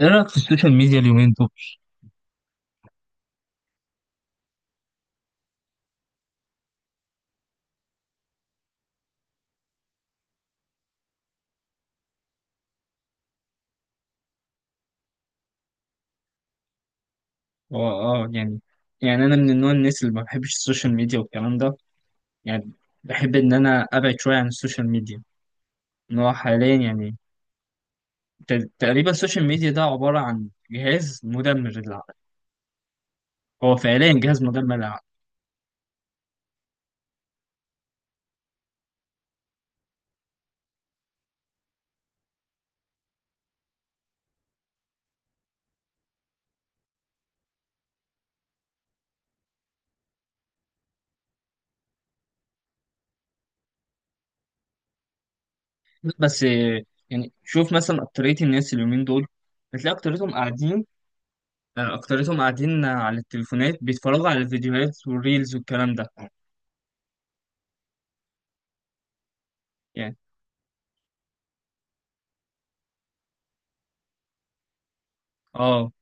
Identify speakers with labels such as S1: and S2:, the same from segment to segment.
S1: ايه رايك في السوشيال ميديا اليومين دول؟ هو اه يعني يعني انا من النوع الناس اللي ما بحبش السوشيال ميديا والكلام ده. يعني بحب ان انا ابعد شويه عن السوشيال ميديا. ان هو حاليا يعني. تقريبا السوشيال ميديا ده عباره عن جهاز مدمر للعقل. هو فعليا جهاز مدمر للعقل. بس يعني شوف مثلا اكتريه الناس اليومين دول، بتلاقي اكتريتهم قاعدين. اكتريتهم قاعدين على التليفونات بيتفرجوا على الفيديوهات والريلز والكلام ده. يعني اه،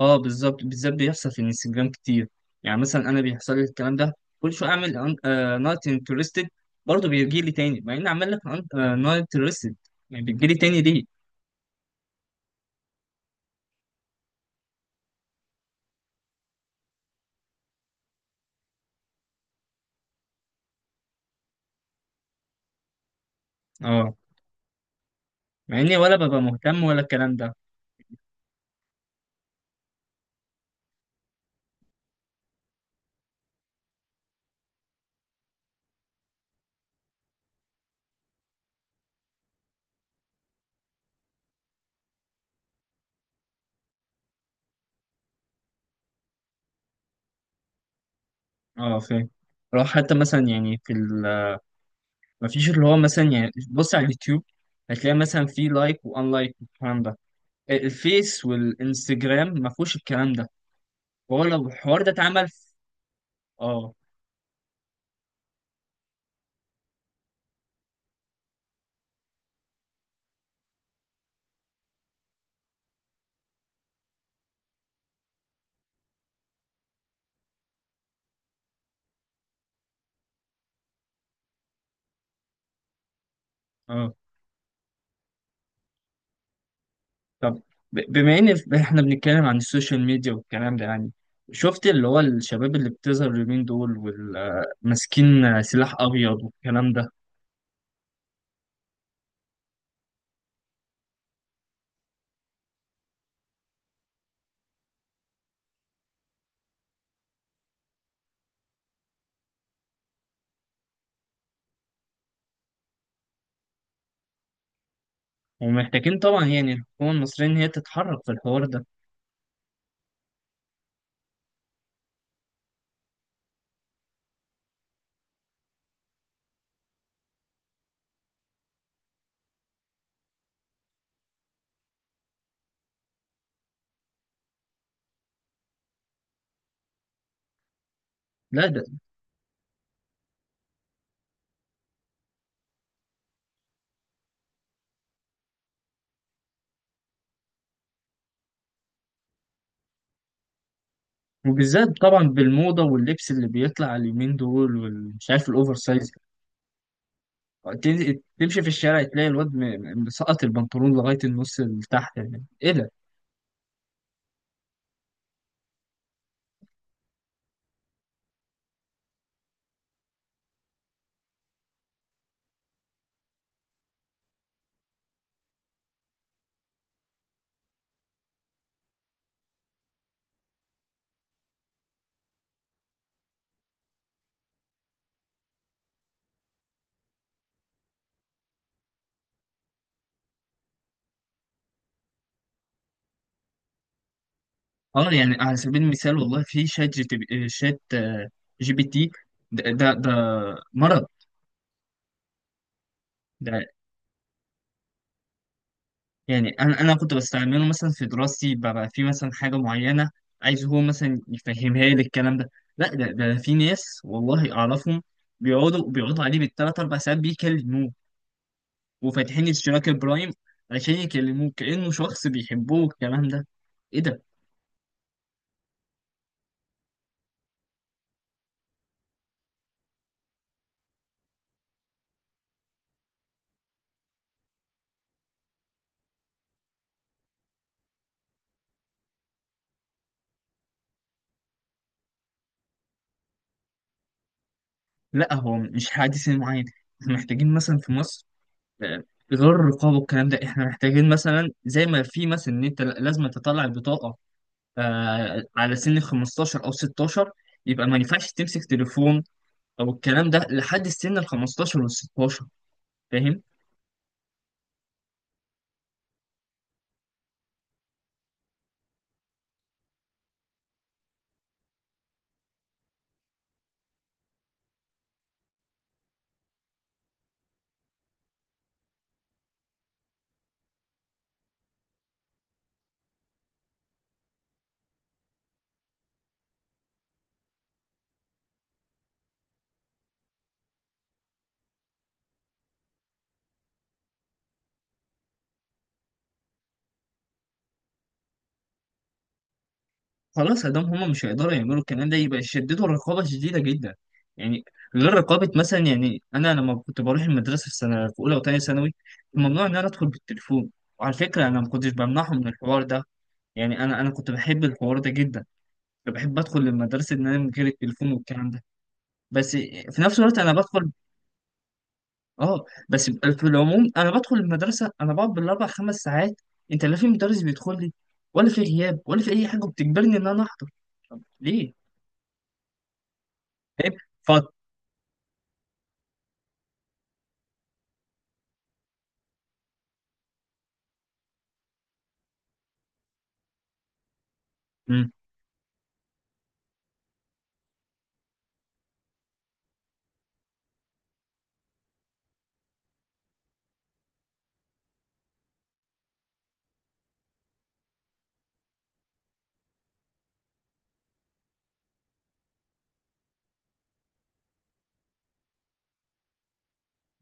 S1: اه، بالظبط، بالذات بيحصل في الانستجرام كتير. يعني مثلا انا بيحصل لي الكلام ده. كل شويه اعمل نوت انترستد، برضه بيجي لي تاني مع اني عمال لك نوت انترستد. يعني بتجي لي تاني ليه؟ اه، مع اني ولا ببقى مهتم ولا الكلام ده. اه، فاهم. لو حتى مثلا يعني في ال مفيش اللي هو مثلا يعني بص على اليوتيوب هتلاقي مثلا في لايك وان لايك والكلام ده. الفيس والانستجرام ما فيهوش الكلام ده. هو لو الحوار ده اتعمل في-. اه. اه. طب، بما ان احنا بنتكلم عن السوشيال ميديا والكلام ده يعني، شفت اللي هو الشباب اللي بتظهر اليومين دول وماسكين سلاح ابيض والكلام ده؟ ومحتاجين طبعا يعني الحكومه المصريه ان هي تتحرك في الحوار ده. لا ده. وبالذات طبعا بالموضه واللبس اللي بيطلع اليومين دول ومش عارف الاوفر سايز، تمشي في الشارع تلاقي الواد مسقط البنطلون لغايه النص اللي تحت. يعني ايه ده؟ اه، يعني على سبيل المثال والله في شات جي تي بي- آه، شات آه، جي بي تي. ده مرض. ده، يعني انا كنت بستعمله مثلا في دراستي، ببقى في مثلا حاجه معينه عايز هو مثلا يفهمها لي الكلام ده. لا ده في ناس والله اعرفهم، بيقعدوا عليه بالثلاث اربع ساعات بيكلموه وفاتحين اشتراك البرايم عشان يكلموه كانه شخص بيحبوه الكلام ده. ايه ده؟ لا هو مش حادث معين. احنا محتاجين مثلا في مصر، غير الرقابة والكلام ده، احنا محتاجين مثلا زي ما في مثلا ان انت لازم تطلع البطاقة، على سن 15 او 16 يبقى ما ينفعش تمسك تليفون او الكلام ده لحد السن ال 15 وال 16. فاهم؟ خلاص ادام هما مش هيقدروا يعملوا الكلام ده يبقى يشددوا الرقابة شديدة جدا. يعني غير رقابة، مثلا، يعني انا لما كنت بروح المدرسة في سنة في اولى وثانية ثانوي كان ممنوع ان انا ادخل بالتليفون. وعلى فكرة انا ما كنتش بمنعهم من الحوار ده. يعني انا كنت بحب الحوار ده جدا. أنا بحب ادخل المدرسه ان انا من غير التليفون والكلام ده. بس في نفس الوقت انا بدخل. اه، بس في العموم انا بدخل المدرسه انا بقعد بالاربع خمس ساعات، انت لا في مدرس بيدخل لي ولا في غياب ولا في اي حاجه بتجبرني ان انا احضر. طب ليه؟ فاهم. فط مم.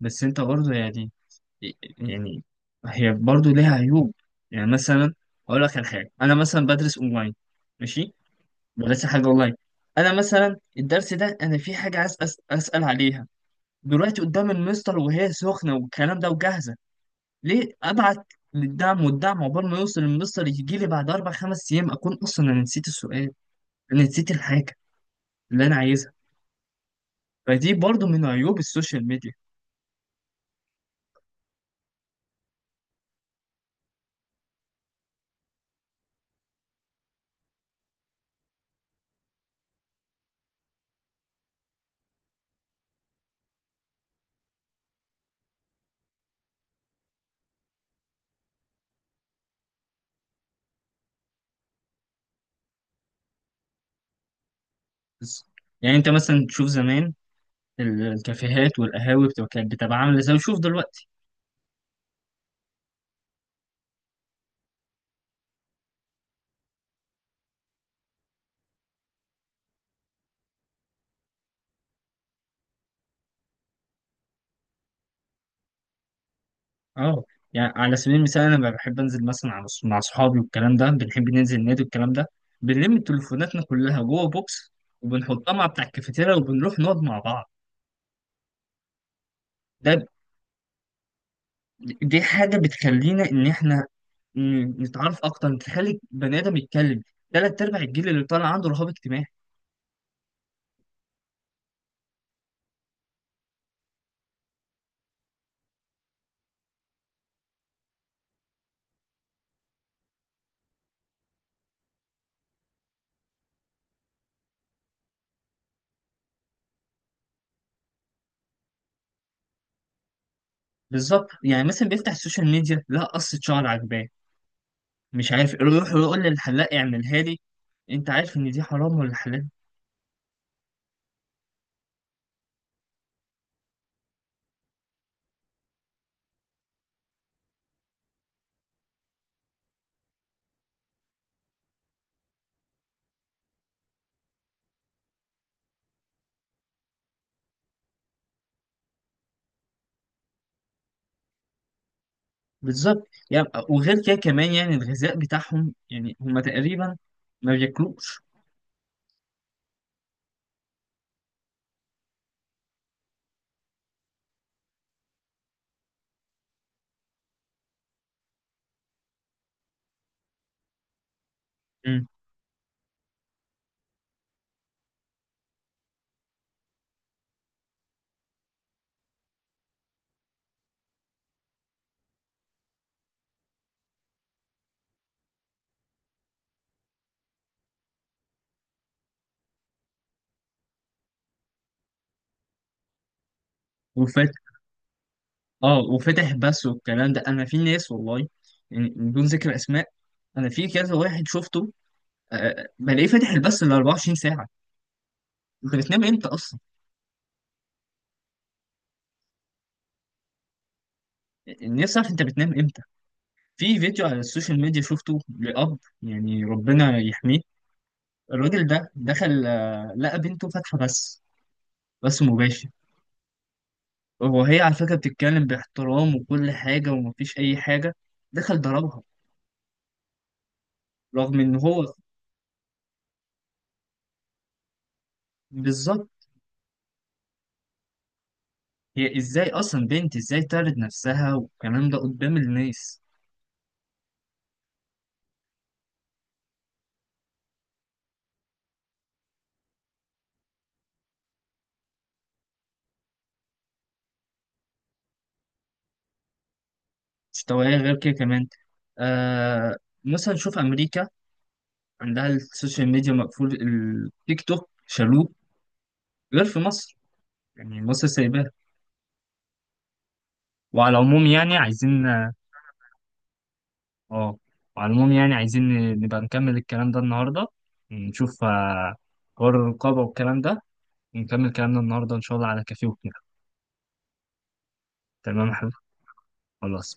S1: بس انت برضه يعني، يعني هي برضه ليها عيوب. يعني مثلا اقول لك على حاجه، انا مثلا بدرس اونلاين، ماشي، بدرس حاجه اونلاين. انا مثلا الدرس ده انا في حاجه عايز اسال عليها دلوقتي قدام المستر، وهي سخنة والكلام ده وجاهزة. ليه أبعت للدعم، والدعم عقبال ما يوصل المستر يجي لي بعد أربع خمس أيام أكون أصلا أنا نسيت السؤال، أنا نسيت الحاجة اللي أنا عايزها. فدي برضو من عيوب السوشيال ميديا. بس يعني، أنت مثلا تشوف زمان الكافيهات والقهاوي بتبقى كانت بتبقى عاملة زي شوف دلوقتي. أه، يعني على سبيل المثال أنا بحب أنزل مثلا مع أصحابي والكلام ده، بنحب ننزل النادي والكلام ده، بنلم تليفوناتنا كلها جوه بوكس وبنحطها مع بتاع الكافيتيريا وبنروح نقعد مع بعض. ده، دي حاجة بتخلينا إن إحنا نتعرف أكتر، تخلي بني آدم يتكلم. تلات أرباع الجيل اللي طالع عنده رهاب اجتماعي. بالظبط، يعني مثلا بيفتح السوشيال ميديا لا قصة شعر عجباه مش عارف يروح يقول للحلاق اعملها لي. أنت عارف إن دي حرام ولا حلال؟ بالظبط يعني. وغير كده كمان يعني الغذاء بتاعهم يعني هما تقريبا ما بياكلوش. مم. وفات. اه وفتح بس والكلام ده، أنا في ناس، والله، يعني بدون ذكر أسماء، أنا في كذا واحد شفته بلاقيه فاتح البث ال 24 ساعة. انت بتنام امتى اصلا؟ نفسي اعرف انت بتنام امتى. في فيديو على السوشيال ميديا شفته لأب، يعني ربنا يحميه، الراجل ده دخل لقى بنته فاتحة بث، بث مباشر. وهي على فكرة بتتكلم باحترام وكل حاجة ومفيش أي حاجة، دخل ضربها. رغم إن هو. بالظبط. هي إزاي أصلا بنت إزاي تعرض نفسها والكلام ده قدام الناس؟ مستواها غير كده كمان. آه مثلا شوف أمريكا عندها السوشيال ميديا مقفول، التيك توك شالوه، غير في مصر يعني مصر سايباه. وعلى العموم يعني عايزين آه، وعلى العموم يعني عايزين نبقى نكمل الكلام ده النهارده، نشوف حوار الرقابة والكلام ده، نكمل كلامنا النهارده إن شاء الله على كافيه وكده. تمام يا حبيبي. خلاص.